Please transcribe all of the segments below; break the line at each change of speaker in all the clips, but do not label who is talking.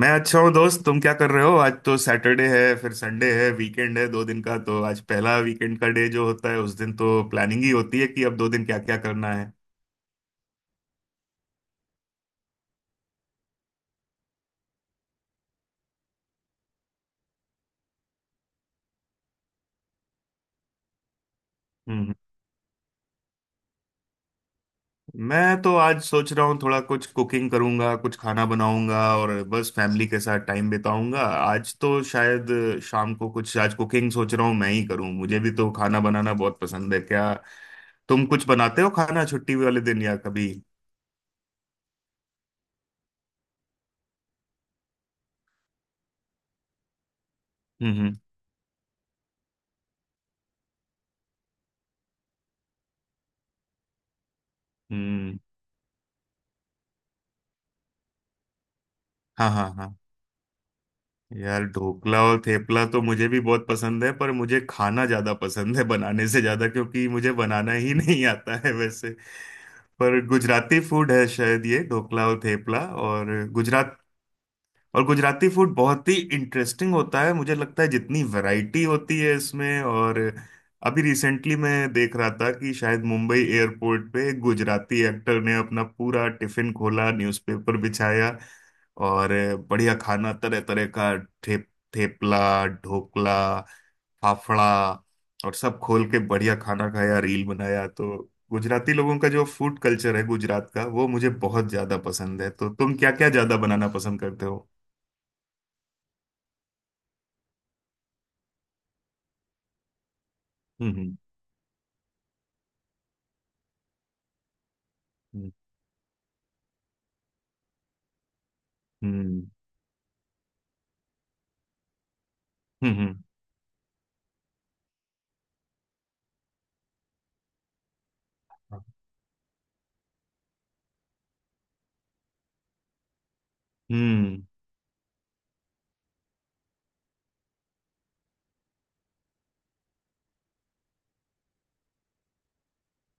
मैं अच्छा हूँ दोस्त। तुम क्या कर रहे हो? आज तो सैटरडे है, फिर संडे है, वीकेंड है दो दिन का। तो आज पहला वीकेंड का डे जो होता है उस दिन तो प्लानिंग ही होती है कि अब दो दिन क्या क्या करना है। हम्म मैं तो आज सोच रहा हूँ, थोड़ा कुछ कुकिंग करूंगा, कुछ खाना बनाऊंगा और बस फैमिली के साथ टाइम बिताऊंगा आज तो शायद। शाम को कुछ आज कुकिंग सोच रहा हूँ मैं ही करूँ। मुझे भी तो खाना बनाना बहुत पसंद है। क्या तुम कुछ बनाते हो खाना छुट्टी वाले दिन या कभी? हम्म। हम्म। हम्म। हाँ, हाँ, हाँ। यार, ढोकला और थेपला तो मुझे भी बहुत पसंद है, पर मुझे खाना ज्यादा पसंद है बनाने से ज्यादा, क्योंकि मुझे बनाना ही नहीं आता है वैसे। पर गुजराती फूड है शायद ये, ढोकला और थेपला। और गुजरात और गुजराती फूड बहुत ही इंटरेस्टिंग होता है मुझे लगता है, जितनी वैरायटी होती है इसमें और। अभी रिसेंटली मैं देख रहा था कि शायद मुंबई एयरपोर्ट पे एक गुजराती एक्टर ने अपना पूरा टिफिन खोला, न्यूज़पेपर बिछाया और बढ़िया खाना तरह तरह का, ठेप थेपला, ढोकला, फाफड़ा, और सब खोल के बढ़िया खाना खाया, रील बनाया। तो गुजराती लोगों का जो फूड कल्चर है गुजरात का वो मुझे बहुत ज्यादा पसंद है। तो तुम क्या क्या ज्यादा बनाना पसंद करते? हम्म। हम्म। हम्म। हम्म। हाँ, हम्म। हम्म।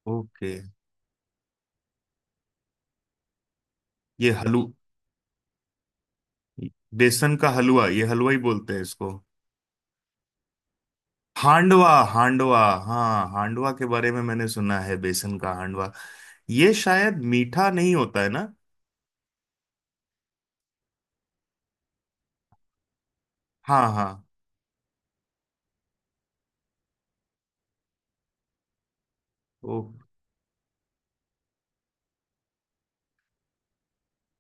ओके। ये हलू बेसन का हलवा, ये हलवा ही बोलते हैं इसको? हांडवा, हांडवा। हाँ, हांडवा के बारे में मैंने सुना है, बेसन का हांडवा। ये शायद मीठा नहीं होता है ना? हाँ, हाँ। ओ। Hmm.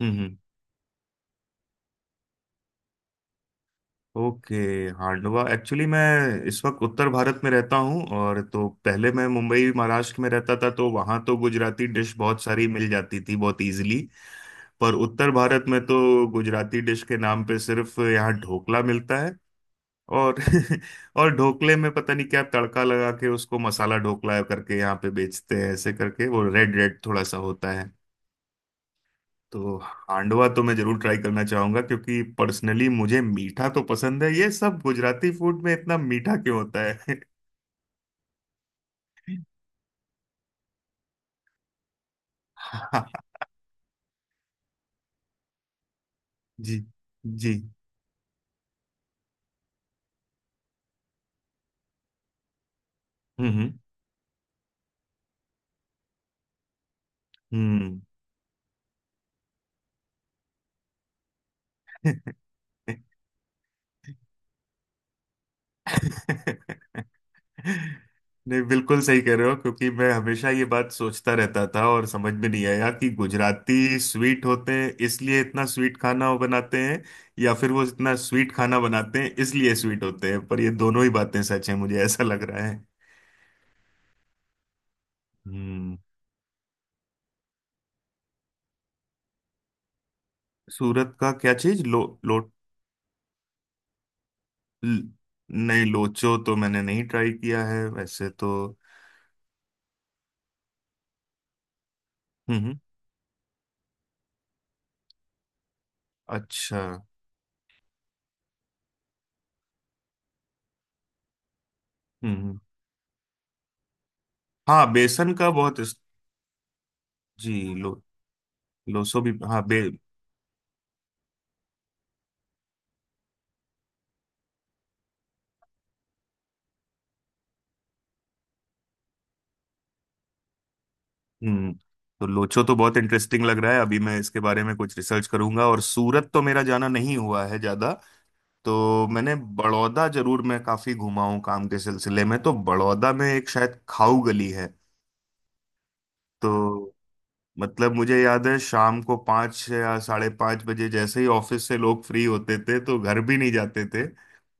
Hmm. Okay. Handvo. Actually मैं इस वक्त उत्तर भारत में रहता हूँ, और तो पहले मैं मुंबई महाराष्ट्र में रहता था, तो वहाँ तो गुजराती डिश बहुत सारी मिल जाती थी, बहुत इजीली। पर उत्तर भारत में तो गुजराती डिश के नाम पे सिर्फ यहाँ ढोकला मिलता है। और और ढोकले में पता नहीं क्या तड़का लगा के उसको मसाला ढोकला करके यहाँ पे बेचते हैं, ऐसे करके वो रेड रेड थोड़ा सा होता है। तो हांडवा तो मैं जरूर ट्राई करना चाहूंगा, क्योंकि पर्सनली मुझे मीठा तो पसंद है। ये सब गुजराती फूड में इतना मीठा क्यों होता है? जी। जी। हम्म। हम्म। हम्म। नहीं, बिल्कुल सही कह रहे हो। क्योंकि मैं हमेशा ये बात सोचता रहता था और समझ में नहीं आया कि गुजराती स्वीट होते हैं इसलिए इतना स्वीट खाना वो बनाते हैं, या फिर वो इतना स्वीट खाना बनाते हैं इसलिए स्वीट होते हैं। पर ये दोनों ही बातें सच है, मुझे ऐसा लग रहा है। हम्म सूरत का क्या चीज? लो, लो? ल- नहीं, लोचो तो मैंने नहीं ट्राई किया है वैसे तो। हम्म। हम्म। अच्छा। हम्म। हम्म। हाँ, बेसन का बहुत जी। लो। लोसो भी, हाँ, बे हम्म तो लोचो तो बहुत इंटरेस्टिंग लग रहा है, अभी मैं इसके बारे में कुछ रिसर्च करूंगा। और सूरत तो मेरा जाना नहीं हुआ है ज्यादा। तो मैंने बड़ौदा जरूर, मैं काफी घुमा हूँ काम के सिलसिले में। तो बड़ौदा में एक शायद खाऊ गली है। तो मतलब मुझे याद है, शाम को 5 या 5:30 बजे जैसे ही ऑफिस से लोग फ्री होते थे तो घर भी नहीं जाते थे,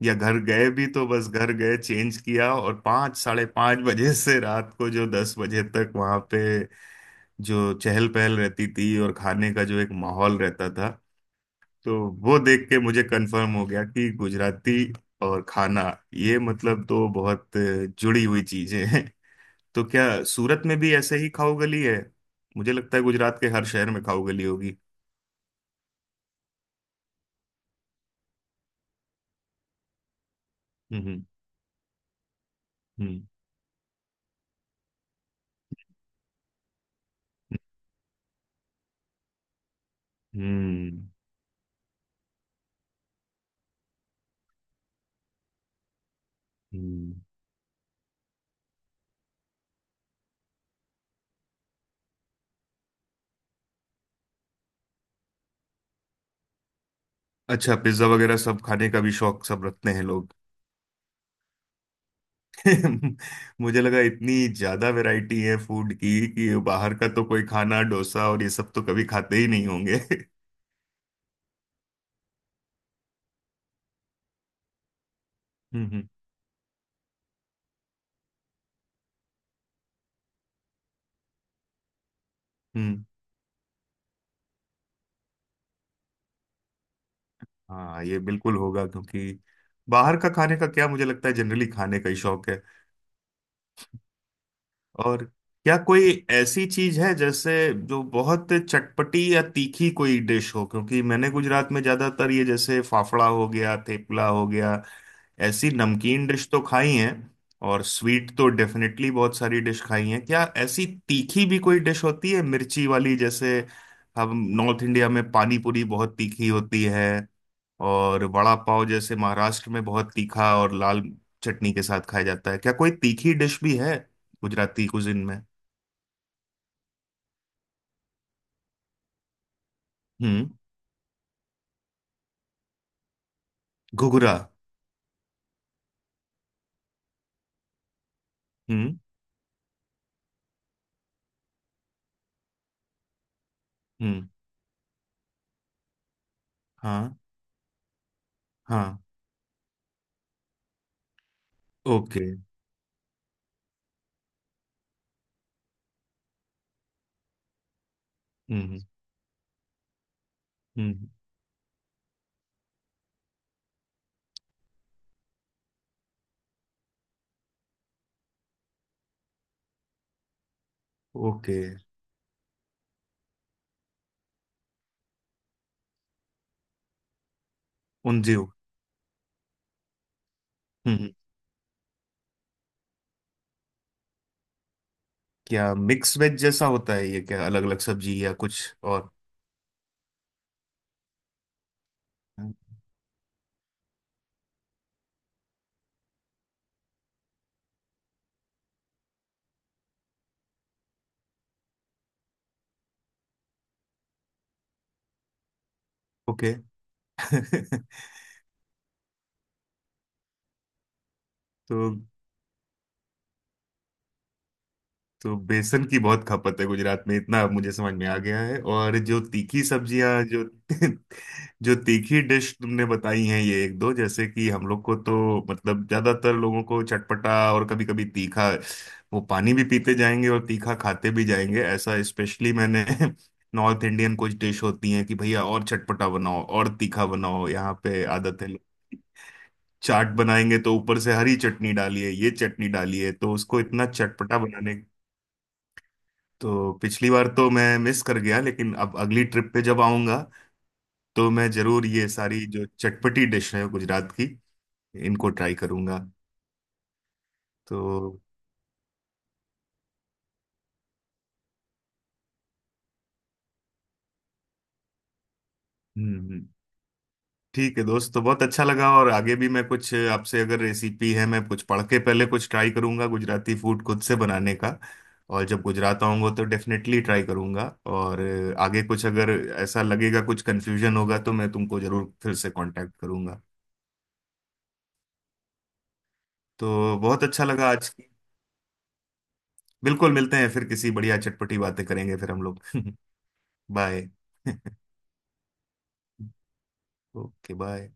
या घर गए भी तो बस घर गए, चेंज किया और 5, 5:30 बजे से रात को जो 10 बजे तक वहाँ पे जो चहल पहल रहती थी और खाने का जो एक माहौल रहता था। तो वो देख के मुझे कंफर्म हो गया कि गुजराती और खाना, ये मतलब तो बहुत जुड़ी हुई चीजें हैं। तो क्या सूरत में भी ऐसे ही खाओ गली है? मुझे लगता है गुजरात के हर शहर में खाओ गली होगी। हम्म। हम्म। हम्म। हम्म। अच्छा, पिज्जा वगैरह सब खाने का भी शौक सब रखते हैं लोग? मुझे लगा इतनी ज्यादा वैरायटी है फूड की, कि बाहर का तो कोई खाना, डोसा और ये सब तो कभी खाते ही नहीं होंगे। हम्म। हम्म। हम्म। हाँ, ये बिल्कुल होगा। क्योंकि बाहर का खाने का क्या, मुझे लगता है जनरली खाने का ही शौक है। और क्या कोई ऐसी चीज है जैसे, जो बहुत चटपटी या तीखी कोई डिश हो? क्योंकि मैंने गुजरात में ज्यादातर ये जैसे फाफड़ा हो गया, थेपला हो गया, ऐसी नमकीन डिश तो खाई हैं, और स्वीट तो डेफिनेटली बहुत सारी डिश खाई हैं। क्या ऐसी तीखी भी कोई डिश होती है, मिर्ची वाली जैसे? हम नॉर्थ इंडिया में पानी पूरी बहुत तीखी होती है, और वड़ा पाव जैसे महाराष्ट्र में बहुत तीखा और लाल चटनी के साथ खाया जाता है। क्या कोई तीखी डिश भी है गुजराती कुजिन में? हम्म। घुघरा। हम्म। हम्म। हाँ, हाँ। Okay. Hmm. Hmm. Hmm. Okay. Undhiyu. Hmm. हम्म। क्या मिक्स वेज जैसा होता है ये? क्या अलग अलग सब्जी या कुछ और? ओके। तो तो बेसन की बहुत खपत है गुजरात में, इतना अब मुझे समझ में आ गया है। और जो तीखी सब्जियां जो जो तीखी डिश तुमने बताई हैं ये एक दो, जैसे कि हम लोग को तो मतलब ज्यादातर लोगों को चटपटा और कभी कभी तीखा, वो पानी भी पीते जाएंगे और तीखा खाते भी जाएंगे ऐसा। स्पेशली मैंने नॉर्थ इंडियन कुछ डिश होती हैं कि भैया और चटपटा बनाओ और तीखा बनाओ, यहाँ पे आदत है। चाट बनाएंगे तो ऊपर से हरी चटनी डालिए, ये चटनी डालिए, तो उसको इतना चटपटा बनाने। तो पिछली बार तो मैं मिस कर गया, लेकिन अब अगली ट्रिप पे जब आऊंगा तो मैं जरूर ये सारी जो चटपटी डिश है गुजरात की, इनको ट्राई करूंगा। तो हम्म। हम्म। ठीक है दोस्त, तो बहुत अच्छा लगा। और आगे भी मैं कुछ आपसे अगर रेसिपी है मैं कुछ पढ़ के पहले कुछ ट्राई करूंगा गुजराती फूड खुद से बनाने का। और जब गुजरात आऊंगा तो डेफिनेटली ट्राई करूंगा, और आगे कुछ अगर ऐसा लगेगा कुछ कंफ्यूजन होगा तो मैं तुमको जरूर फिर से कांटेक्ट करूंगा। तो बहुत अच्छा लगा आज की। बिल्कुल, मिलते हैं फिर, किसी बढ़िया चटपटी बातें करेंगे फिर हम लोग। बाय। Okay, bye.